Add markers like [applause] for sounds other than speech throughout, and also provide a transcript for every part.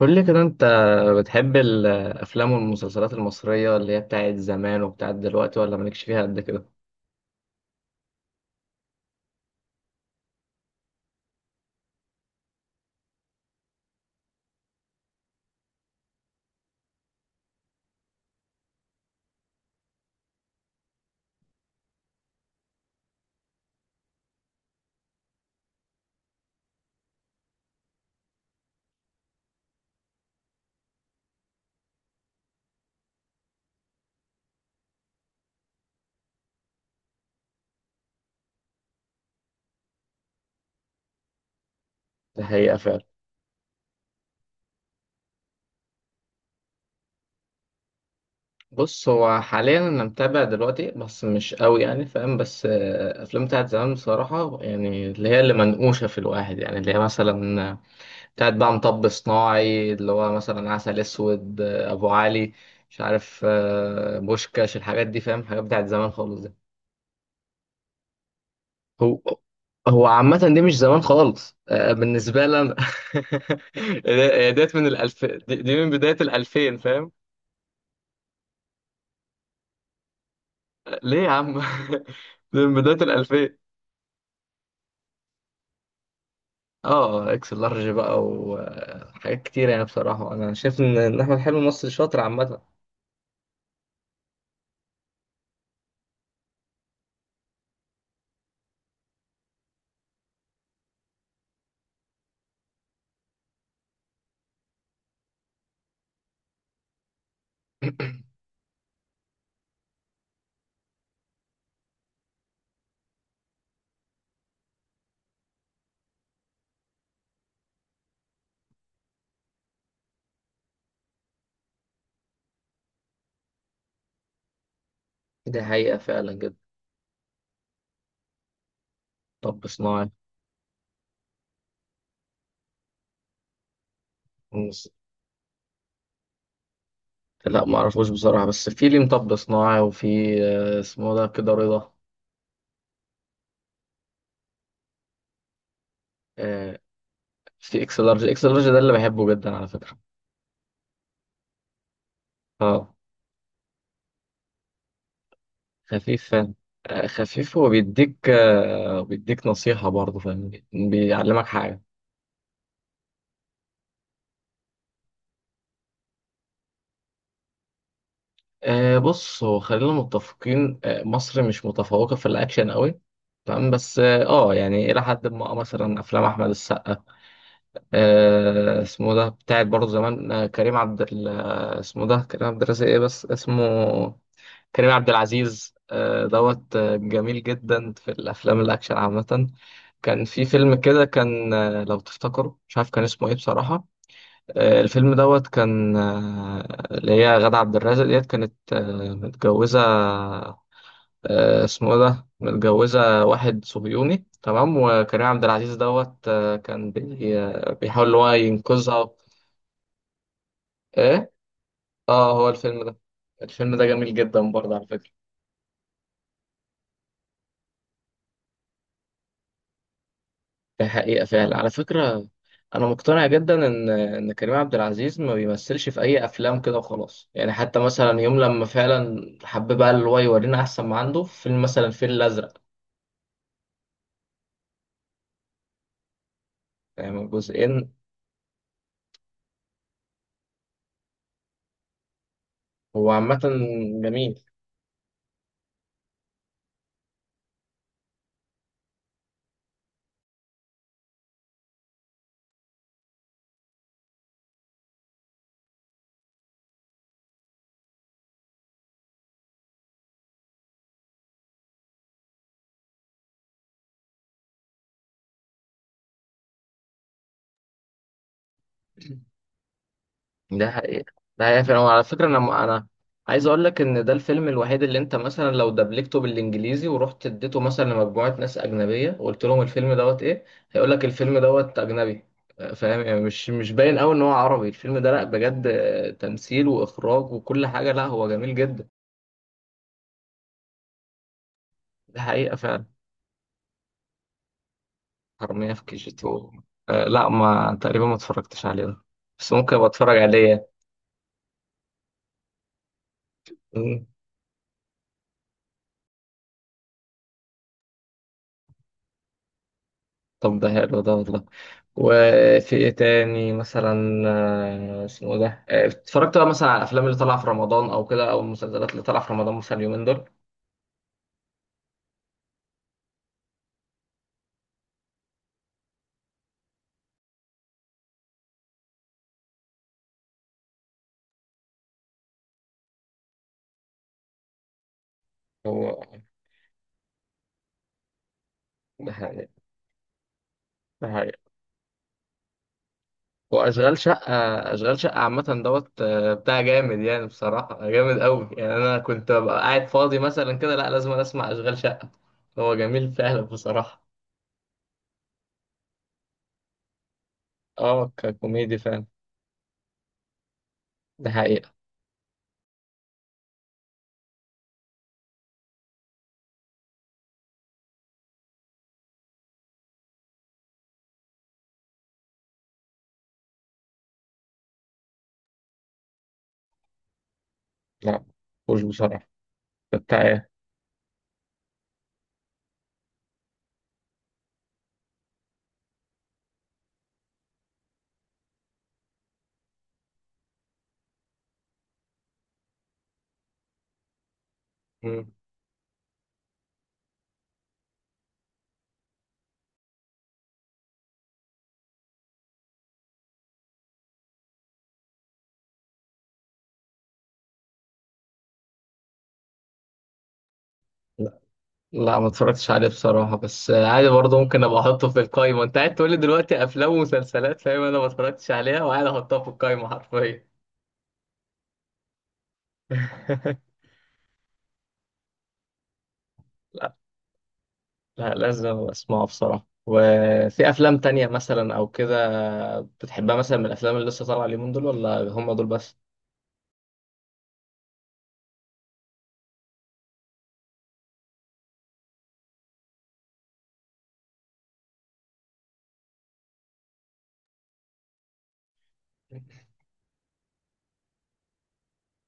قول لي كده انت بتحب الافلام والمسلسلات المصريه اللي هي بتاعت زمان وبتاعت دلوقتي ولا مالكش فيها قد كده؟ ده حقيقه فعلا. بص، هو حاليا انا متابع دلوقتي بس مش قوي، يعني فاهم، بس افلام بتاعت زمان بصراحه، يعني اللي هي اللي منقوشه في الواحد، يعني اللي هي مثلا بتاعت بقى مطب صناعي، اللي هو مثلا عسل اسود، ابو علي، مش عارف، بوشكاش، الحاجات دي فاهم، حاجات بتاعت زمان خالص. هو هو عامة دي مش زمان خالص، بالنسبة لي أنا. [laughs] هي ديت من الألف، دي من بداية الألفين فاهم. ليه يا عم؟ [laughs] دي من بداية الألفين. اه، اكس لارج بقى وحاجات كتير، يعني بصراحة أنا شايف إن أحمد حلمي مصري شاطر عامة. [clears throat] دي حقيقة فعلا جدا. طب صناعي. مص- لا، ما اعرفوش بصراحة، بس في ليه مطب صناعي، وفي اسمه ده كده رضا. آه، في اكس لارج، اكس لارج ده اللي بحبه جدا على فكرة. اه، خفيف فاهم. خفيف، هو بيديك، بيديك نصيحة برضه فاهم، بيعلمك حاجة. بص، هو خلينا متفقين، مصر مش متفوقة في الأكشن قوي. تمام، بس اه، يعني إلى حد ما، مثلا أفلام أحمد السقا، اسمه ده بتاعت برضه زمان، آه، كريم عبد ال- آه، اسمه ده كريم عبد الرازق، إيه بس اسمه؟ كريم عبد العزيز، دوت، جميل جدا في الافلام الاكشن عامه. كان في فيلم كده كان، لو تفتكروا مش عارف كان اسمه ايه بصراحه. الفيلم دوت كان، اللي هي غادة عبد الرازق ديت كانت، متجوزه، اسمه إيه ده، متجوزه واحد صهيوني تمام، وكريم عبد العزيز دوت كان بيحاول ان هو ينقذها. ايه؟ اه، هو الفيلم ده. الفيلم ده جميل جدا برضه على فكره. ده حقيقة فعلا على فكرة. أنا مقتنع جدا إن كريم عبد العزيز ما بيمثلش في أي أفلام كده وخلاص، يعني حتى مثلا يوم لما فعلا حب بقى اللي هو يورينا أحسن ما عنده في فيلم مثلا الفيل الأزرق. يعني جزئين. هو عامة. جميل. ده حقيقة. ده حقيقة فعلا وعلى فكرة، أنا عايز أقول لك إن ده الفيلم الوحيد اللي أنت مثلا لو دبلجته بالإنجليزي ورحت اديته مثلا لمجموعة ناس أجنبية وقلت لهم الفيلم دوت إيه، هيقول لك الفيلم دوت أجنبي. فاهم يعني مش باين أوي إن هو عربي الفيلم ده، لأ بجد، تمثيل وإخراج وكل حاجة، لأ هو جميل جدا. ده حقيقة فعلا. حرامية في كي جي تو. لأ، ما تقريبا ما اتفرجتش عليه ده. بس ممكن أبقى أتفرج عليه. طب ده حلو ده والله. وفي ايه تاني مثلا، اسمه ده، اتفرجت بقى مثلا على الافلام اللي طالعه في رمضان او كده، او المسلسلات اللي طالعه في رمضان مثلا اليومين دول. هو. ده حقيقي. ده حقيقي. واشغال شقه. اشغال شقه عامه دوت، بتاع جامد يعني بصراحه، جامد قوي يعني، انا كنت ببقى قاعد فاضي مثلا كده، لا لازم أنا اسمع اشغال شقه. هو جميل فعلا بصراحه. اه، ككوميدي فعلا. ده حقيقه. لا مش بصراحه. ده بتاع ايه؟ مم. لا، ما اتفرجتش عليه بصراحة، بس عادي برضه ممكن ابقى احطه في القايمة، انت قاعد تقول لي دلوقتي افلام ومسلسلات فاهم انا ما اتفرجتش عليها، وقاعد احطها في القايمة حرفيا. [laughs] لا، لا، لازم اسمعه بصراحة. وفي افلام تانية مثلا او كده بتحبها مثلا من الافلام اللي لسه طالعة اليومين دول، ولا هم دول بس؟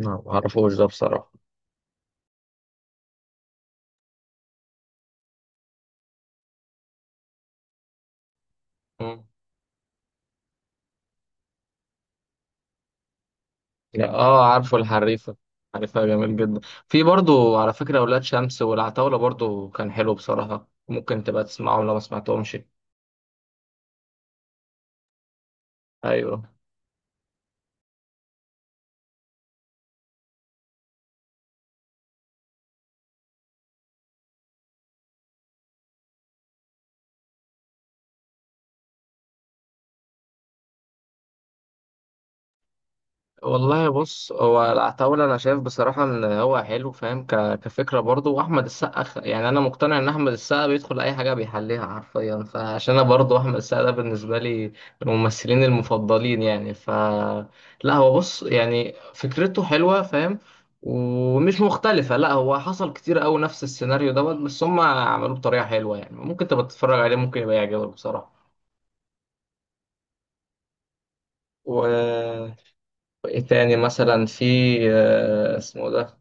لا، ما اعرفوش ده بصراحة. مم. لا، اه، عارفه الحريفة. حريفة جميل جدا. في برضو على فكرة ولاد شمس والعتاولة برضو، كان حلو بصراحة، ممكن تبقى تسمعهم لو ما سمعتهمش. ايوه. والله بص، هو العتاولة أنا شايف بصراحة إن هو حلو فاهم، كفكرة برضه، وأحمد السقا يعني أنا مقتنع إن أحمد السقا بيدخل أي حاجة بيحليها حرفيا، فعشان أنا برضه أحمد السقا ده بالنسبة لي من الممثلين المفضلين يعني لا هو بص، يعني فكرته حلوة فاهم، ومش مختلفة، لا هو حصل كتير أوي نفس السيناريو دوت، بس هم عملوه بطريقة حلوة يعني، ممكن تبقى تتفرج عليه، ممكن يبقى يعجبك بصراحة. و... وإيه تاني مثلا في اسمه ده.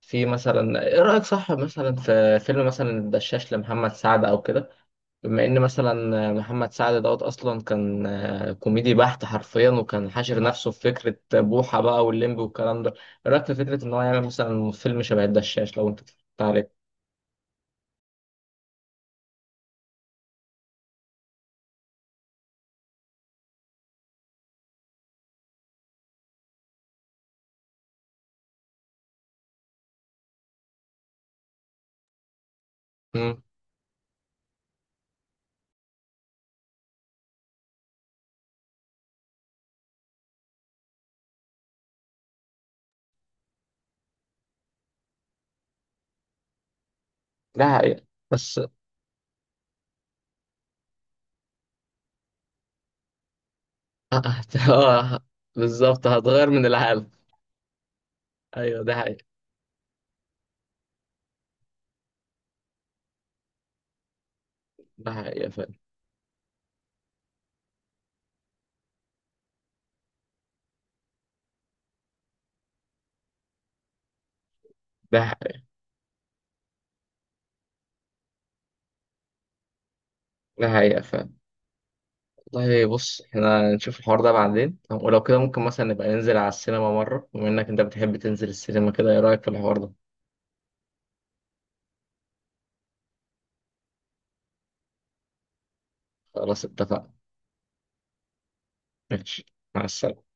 في مثلا ايه رأيك، صح مثلا، في فيلم مثلا الدشاش لمحمد سعد او كده؟ بما ان مثلا محمد سعد دوت اصلا كان كوميدي بحت حرفيا، وكان حاشر نفسه في فكرة بوحة بقى واللمبي والكلام ده. ايه رأيك في فكرة ان هو يعمل مثلا فيلم شبه الدشاش، لو انت اتفرجت عليه؟ امم ده حقيقة، بس اه، آه، [laughs] آه، بالظبط، هتغير من العالم. ايوه ده حقيقة. ده حقيقة فعلا. ده حقيقة. ده حقيقة فعلا. طيب بص، احنا نشوف الحوار ده بعدين، ولو كده ممكن مثلا نبقى ننزل على السينما مرة، بما انك انت بتحب تنزل السينما كده، ايه رأيك في الحوار ده؟ خلاص اتفقنا. ماشي. مع السلامة.